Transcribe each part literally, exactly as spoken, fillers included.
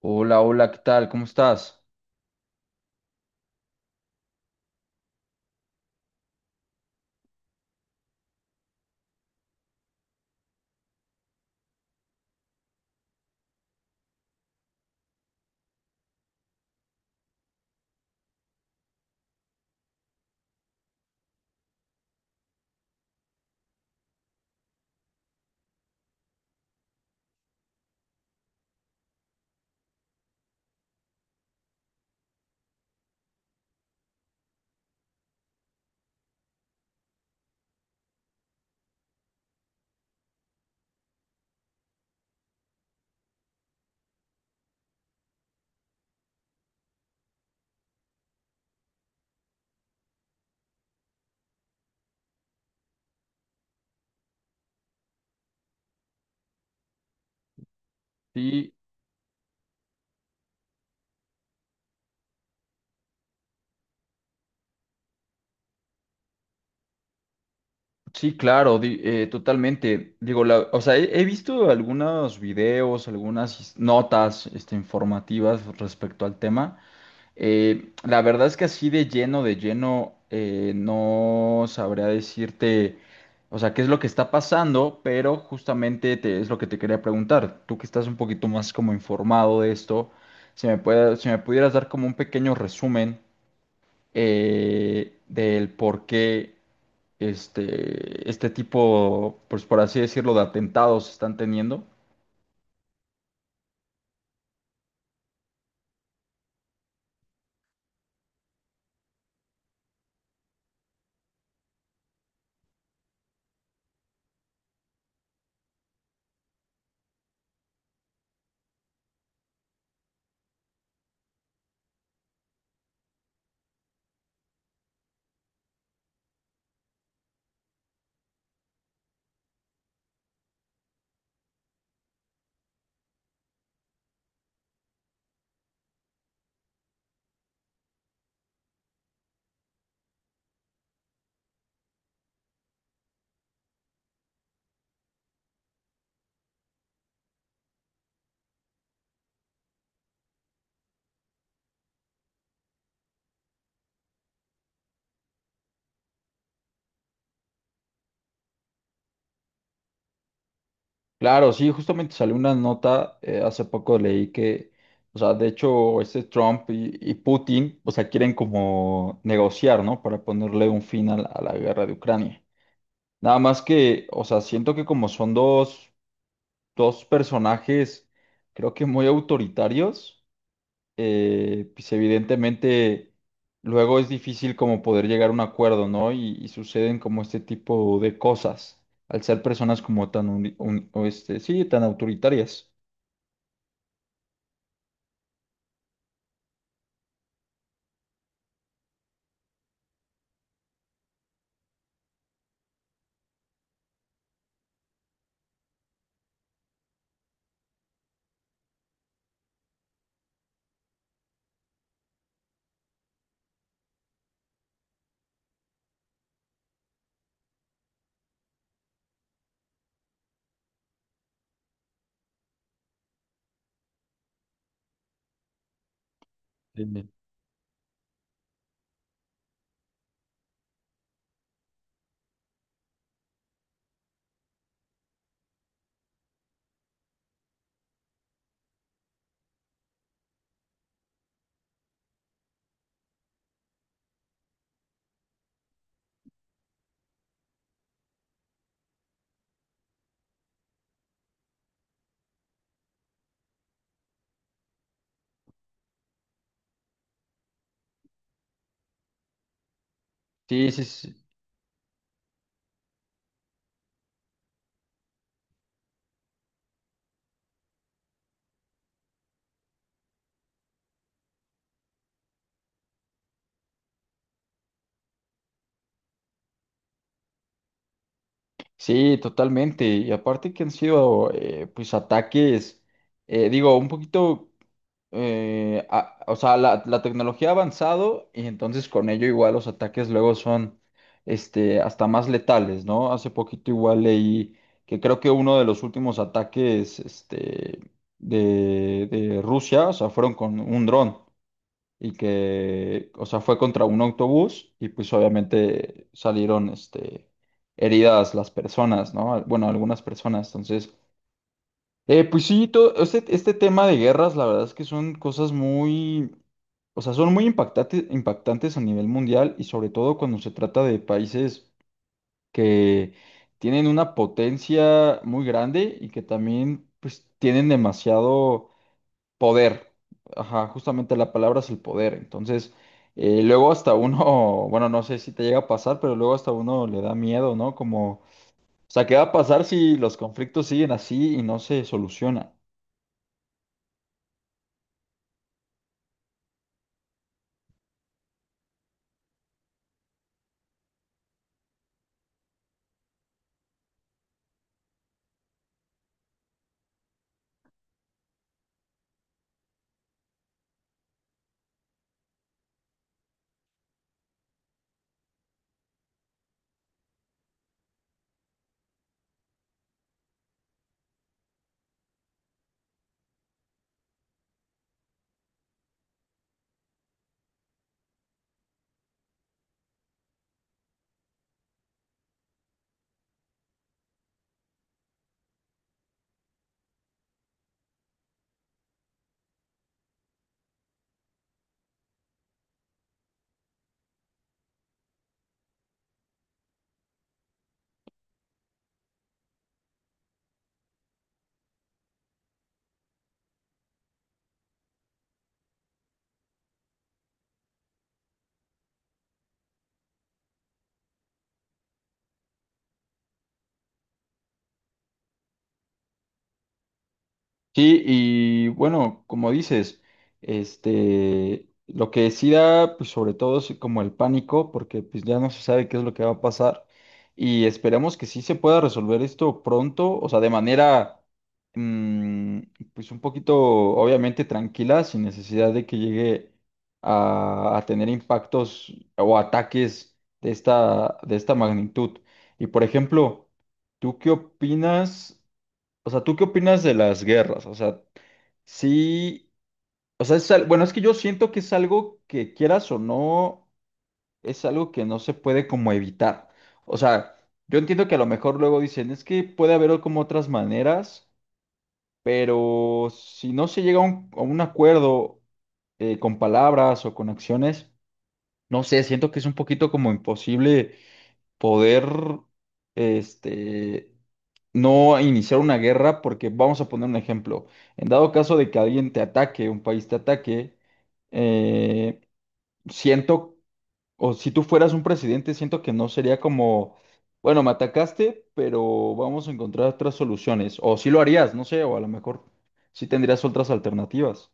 Hola, hola, ¿qué tal? ¿Cómo estás? Sí, sí, claro, di- eh, totalmente. Digo, la- o sea, he, he visto algunos videos, algunas his- notas, este, informativas respecto al tema. Eh, la verdad es que así de lleno, de lleno, eh, no sabría decirte, o sea, qué es lo que está pasando, pero justamente te- es lo que te quería preguntar. Tú que estás un poquito más como informado de esto, si me puede, si me pudieras dar como un pequeño resumen. Eh, del por qué este, este tipo, pues por así decirlo, de atentados están teniendo. Claro, sí, justamente salió una nota, eh, hace poco leí que, o sea, de hecho, este Trump y, y Putin, o sea, quieren como negociar, ¿no? Para ponerle un fin a la, a la guerra de Ucrania. Nada más que, o sea, siento que como son dos, dos personajes, creo que muy autoritarios eh, pues evidentemente luego es difícil como poder llegar a un acuerdo, ¿no? Y, y suceden como este tipo de cosas, al ser personas como tan, uni- un- o este, sí, tan autoritarias. Sí. Sí, sí, sí, sí, totalmente. Y aparte que han sido, eh, pues, ataques, eh, digo, un poquito. Eh, a- o sea, la, la tecnología ha avanzado y entonces con ello igual los ataques luego son este, hasta más letales, ¿no? Hace poquito igual leí que creo que uno de los últimos ataques este, de, de Rusia, o sea, fueron con un dron y que, o sea, fue contra un autobús y pues obviamente salieron este, heridas las personas, ¿no? Bueno, algunas personas, entonces. Eh, pues sí, todo este, este tema de guerras, la verdad es que son cosas muy, o sea, son muy impactantes, impactantes a nivel mundial y sobre todo cuando se trata de países que tienen una potencia muy grande y que también pues tienen demasiado poder. Ajá, justamente la palabra es el poder. Entonces, eh, luego hasta uno, bueno, no sé si te llega a pasar, pero luego hasta uno le da miedo, ¿no? Como, o sea, ¿qué va a pasar si los conflictos siguen así y no se solucionan? Sí, y bueno, como dices, este, lo que sí da, pues sobre todo es como el pánico, porque pues ya no se sabe qué es lo que va a pasar y esperemos que sí se pueda resolver esto pronto, o sea, de manera, mm, pues un poquito, obviamente tranquila, sin necesidad de que llegue a, a tener impactos o ataques de esta, de esta magnitud. Y por ejemplo, ¿tú qué opinas? O sea, ¿tú qué opinas de las guerras? O sea, sí, o sea, es al- bueno, es que yo siento que es algo que quieras o no, es algo que no se puede como evitar. O sea, yo entiendo que a lo mejor luego dicen, es que puede haber como otras maneras, pero si no se llega a un, a un acuerdo eh, con palabras o con acciones, no sé, siento que es un poquito como imposible poder, este, no a iniciar una guerra, porque vamos a poner un ejemplo. En dado caso de que alguien te ataque, un país te ataque, eh, siento, o si tú fueras un presidente, siento que no sería como, bueno, me atacaste, pero vamos a encontrar otras soluciones. O si lo harías, no sé, o a lo mejor sí tendrías otras alternativas.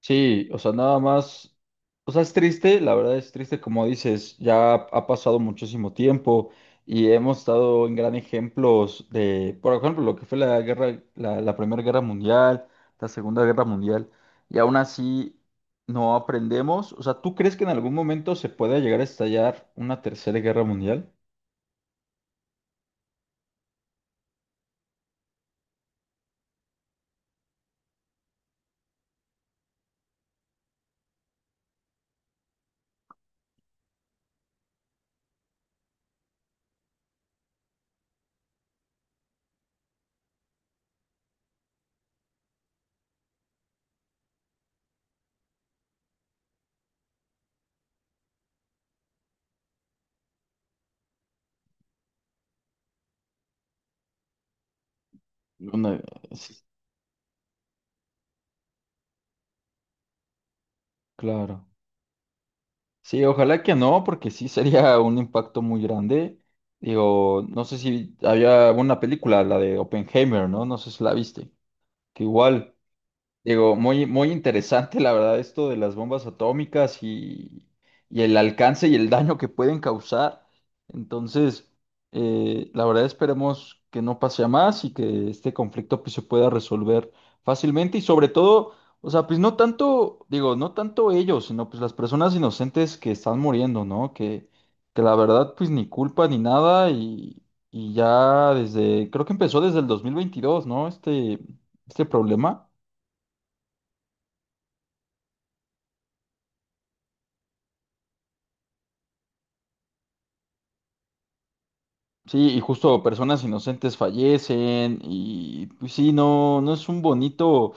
Sí, o sea, nada más, o sea, es triste, la verdad es triste, como dices, ya ha pasado muchísimo tiempo y hemos estado en gran ejemplos de, por ejemplo, lo que fue la guerra, la, la Primera Guerra Mundial, la Segunda Guerra Mundial, y aún así no aprendemos. O sea, ¿tú crees que en algún momento se pueda llegar a estallar una tercera guerra mundial? No, Una- sí, claro. Sí, ojalá que no, porque sí sería un impacto muy grande. Digo, no sé si había una película, la de Oppenheimer, ¿no? No sé si la viste. Que igual, Digo, muy, muy interesante, la verdad, esto de las bombas atómicas y, y el alcance y el daño que pueden causar. Entonces, eh, la verdad, esperemos que no pase a más y que este conflicto pues, se pueda resolver fácilmente y sobre todo, o sea, pues no tanto, digo, no tanto ellos, sino pues las personas inocentes que están muriendo, ¿no? Que, que la verdad, pues ni culpa ni nada y, y ya desde, creo que empezó desde el dos mil veintidós, ¿no? Este, este problema. Sí, y justo personas inocentes fallecen y pues sí, no, no es un bonito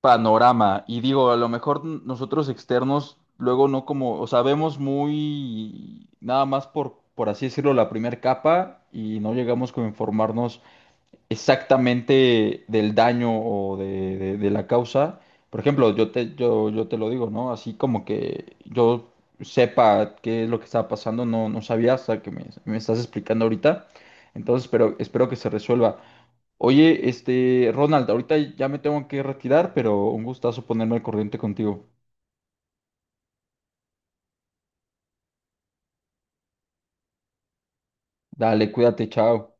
panorama. Y digo, a lo mejor n- nosotros externos luego no como, o sea, vemos muy nada más por, por así decirlo, la primera capa y no llegamos como a informarnos exactamente del daño o de, de- de la causa. Por ejemplo, yo te, yo, yo te lo digo, ¿no? Así como que yo sepa qué es lo que estaba pasando, no, no sabía hasta que me, me estás explicando ahorita. Entonces, pero espero que se resuelva. Oye, este, Ronald, ahorita ya me tengo que retirar, pero un gustazo ponerme al corriente contigo. Dale, cuídate, chao.